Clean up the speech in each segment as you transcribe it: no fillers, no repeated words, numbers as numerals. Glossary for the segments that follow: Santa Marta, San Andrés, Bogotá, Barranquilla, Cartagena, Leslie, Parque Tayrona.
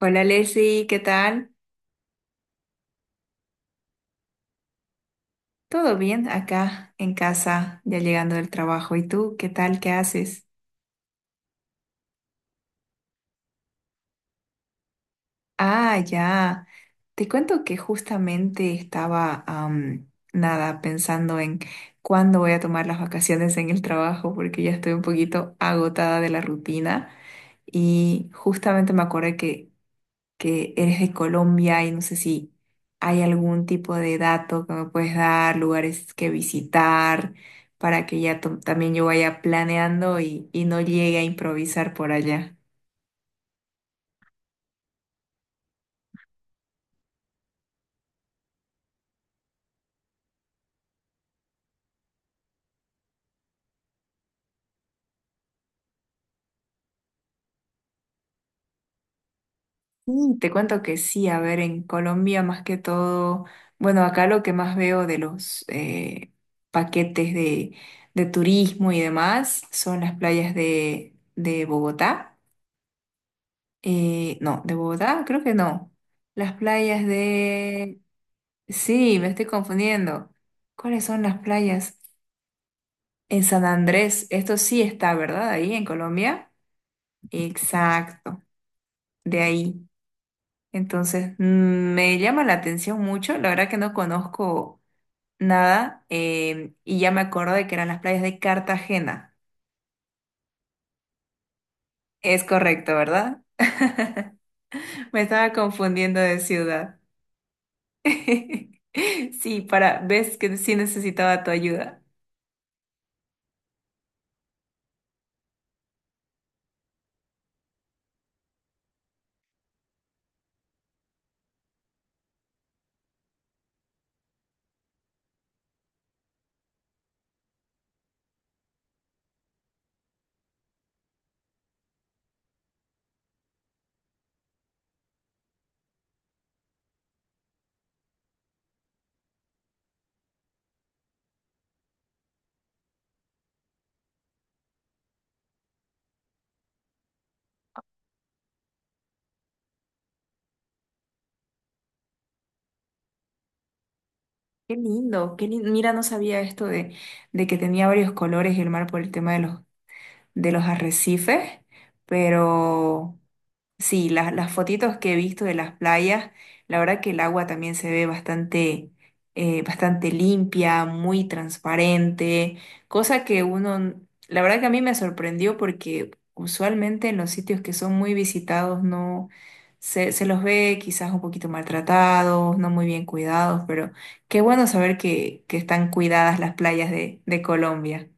Hola Leslie, ¿qué tal? ¿Todo bien acá en casa, ya llegando del trabajo? ¿Y tú, qué tal? ¿Qué haces? Ah, ya. Te cuento que justamente estaba, am, nada, pensando en cuándo voy a tomar las vacaciones en el trabajo porque ya estoy un poquito agotada de la rutina y justamente me acordé que eres de Colombia y no sé si hay algún tipo de dato que me puedes dar, lugares que visitar, para que ya también yo vaya planeando y no llegue a improvisar por allá. Sí, te cuento que sí, a ver, en Colombia más que todo, bueno, acá lo que más veo de los paquetes de turismo y demás son las playas de Bogotá. No, de Bogotá creo que no. Las playas de. Sí, me estoy confundiendo. ¿Cuáles son las playas? En San Andrés, esto sí está, ¿verdad? Ahí en Colombia. Exacto, de ahí. Entonces, me llama la atención mucho. La verdad que no conozco nada, y ya me acuerdo de que eran las playas de Cartagena. Es correcto, ¿verdad? Me estaba confundiendo de ciudad. Sí, para, ves que sí necesitaba tu ayuda. Qué lindo, qué lindo. Mira, no sabía esto de que tenía varios colores el mar por el tema de de los arrecifes, pero sí, las fotitos que he visto de las playas, la verdad que el agua también se ve bastante, bastante limpia, muy transparente, cosa que uno, la verdad que a mí me sorprendió porque usualmente en los sitios que son muy visitados no se, se los ve quizás un poquito maltratados, no muy bien cuidados, pero qué bueno saber que están cuidadas las playas de Colombia.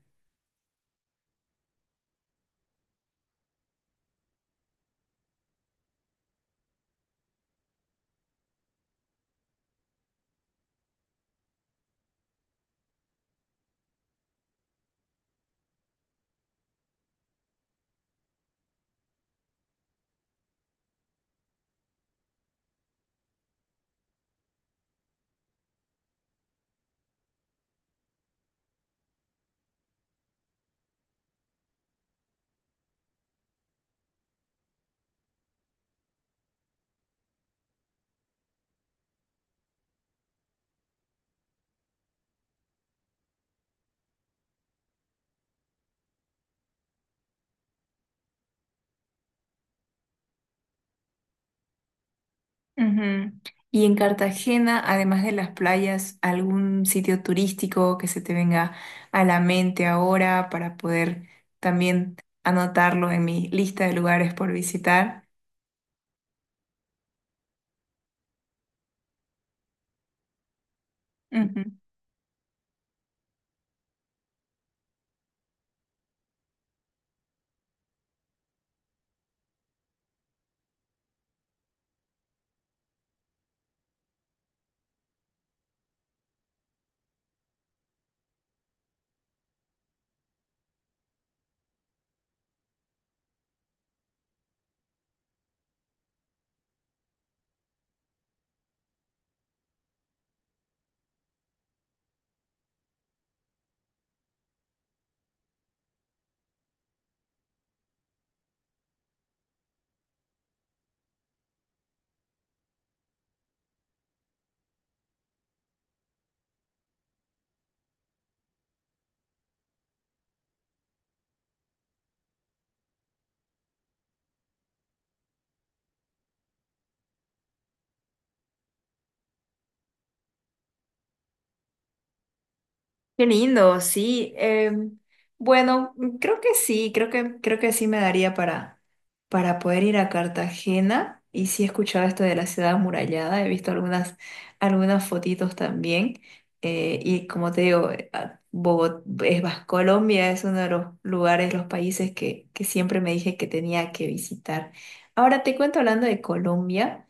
Ujú. Y en Cartagena, además de las playas, ¿algún sitio turístico que se te venga a la mente ahora para poder también anotarlo en mi lista de lugares por visitar? Qué lindo, sí. Eh, bueno, creo que sí, creo que sí me daría para poder ir a Cartagena. Y sí he escuchado esto de la ciudad amurallada, he visto algunas, algunas fotitos también. Eh, y como te digo, Colombia es uno de los lugares, los países que siempre me dije que tenía que visitar. Ahora te cuento hablando de Colombia.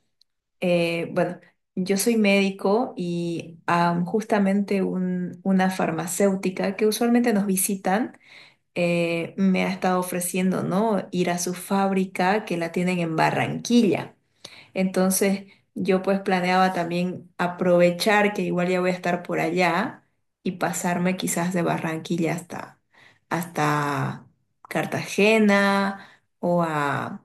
Bueno, yo soy médico y, am, justamente una farmacéutica que usualmente nos visitan, me ha estado ofreciendo, ¿no? Ir a su fábrica que la tienen en Barranquilla. Entonces yo pues planeaba también aprovechar que igual ya voy a estar por allá y pasarme quizás de Barranquilla hasta, hasta Cartagena o a,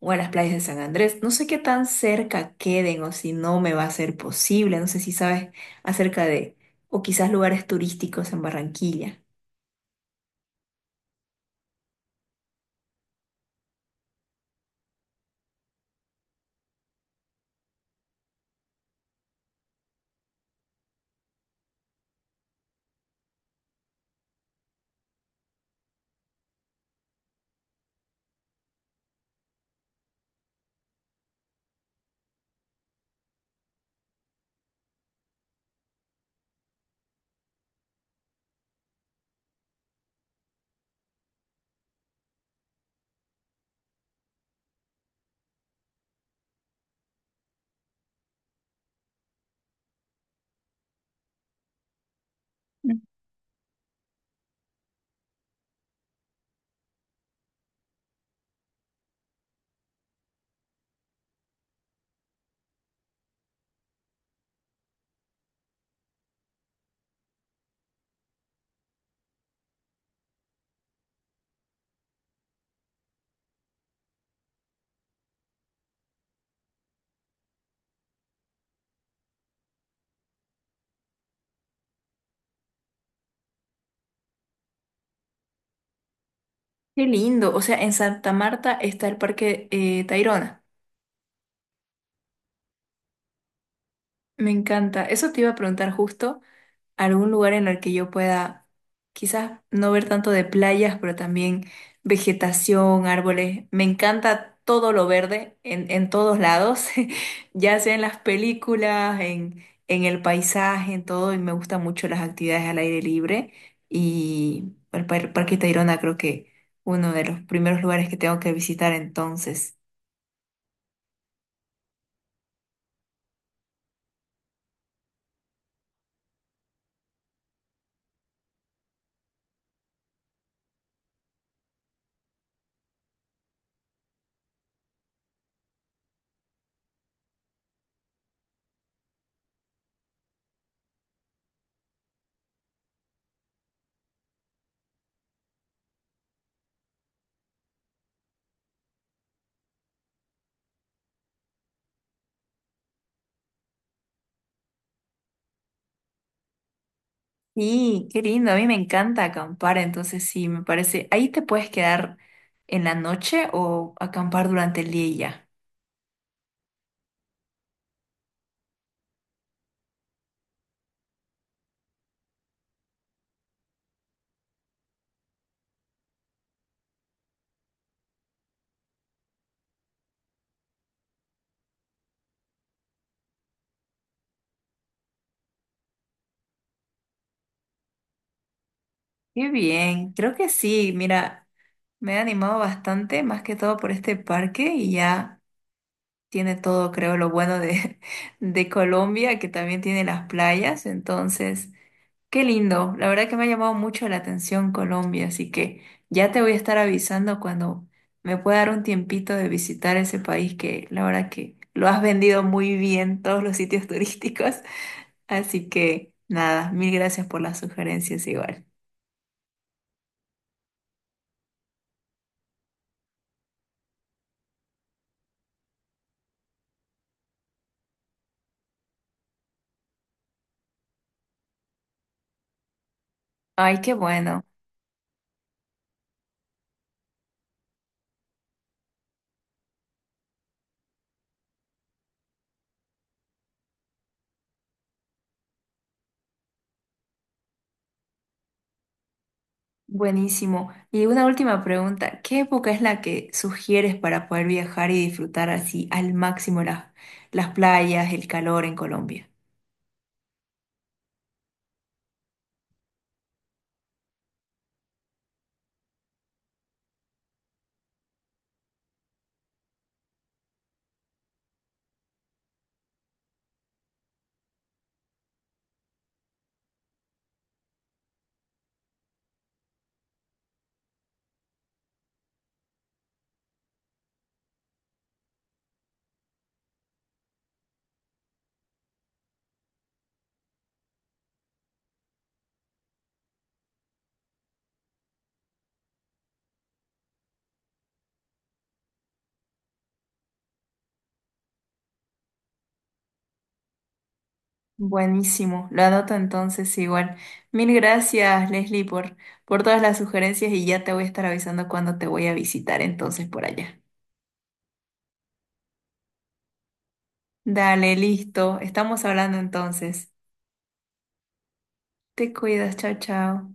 o a las playas de San Andrés. No sé qué tan cerca queden o si no me va a ser posible. No sé si sabes acerca de, o quizás lugares turísticos en Barranquilla. Qué lindo. O sea, en Santa Marta está el Parque, Tayrona. Me encanta. Eso te iba a preguntar justo. Algún lugar en el que yo pueda quizás no ver tanto de playas, pero también vegetación, árboles. Me encanta todo lo verde en todos lados, ya sea en las películas, en el paisaje, en todo, y me gustan mucho las actividades al aire libre. Y bueno, el Parque Tayrona creo que uno de los primeros lugares que tengo que visitar entonces. Sí, qué lindo, a mí me encanta acampar, entonces sí, me parece. ¿Ahí te puedes quedar en la noche o acampar durante el día y ya? Qué bien, creo que sí, mira, me he animado bastante, más que todo por este parque y ya tiene todo, creo, lo bueno de, de Colombia, que también tiene las playas, entonces qué lindo, la verdad que me ha llamado mucho la atención Colombia, así que ya te voy a estar avisando cuando me pueda dar un tiempito de visitar ese país que la verdad que lo has vendido muy bien todos los sitios turísticos, así que nada, mil gracias por las sugerencias igual. Ay, qué bueno, buenísimo. Y una última pregunta, ¿qué época es la que sugieres para poder viajar y disfrutar así al máximo las playas, el calor en Colombia? Buenísimo, lo anoto entonces igual. Mil gracias, Leslie, por todas las sugerencias y ya te voy a estar avisando cuando te voy a visitar entonces por allá. Dale, listo, estamos hablando entonces. Te cuidas, chao, chao.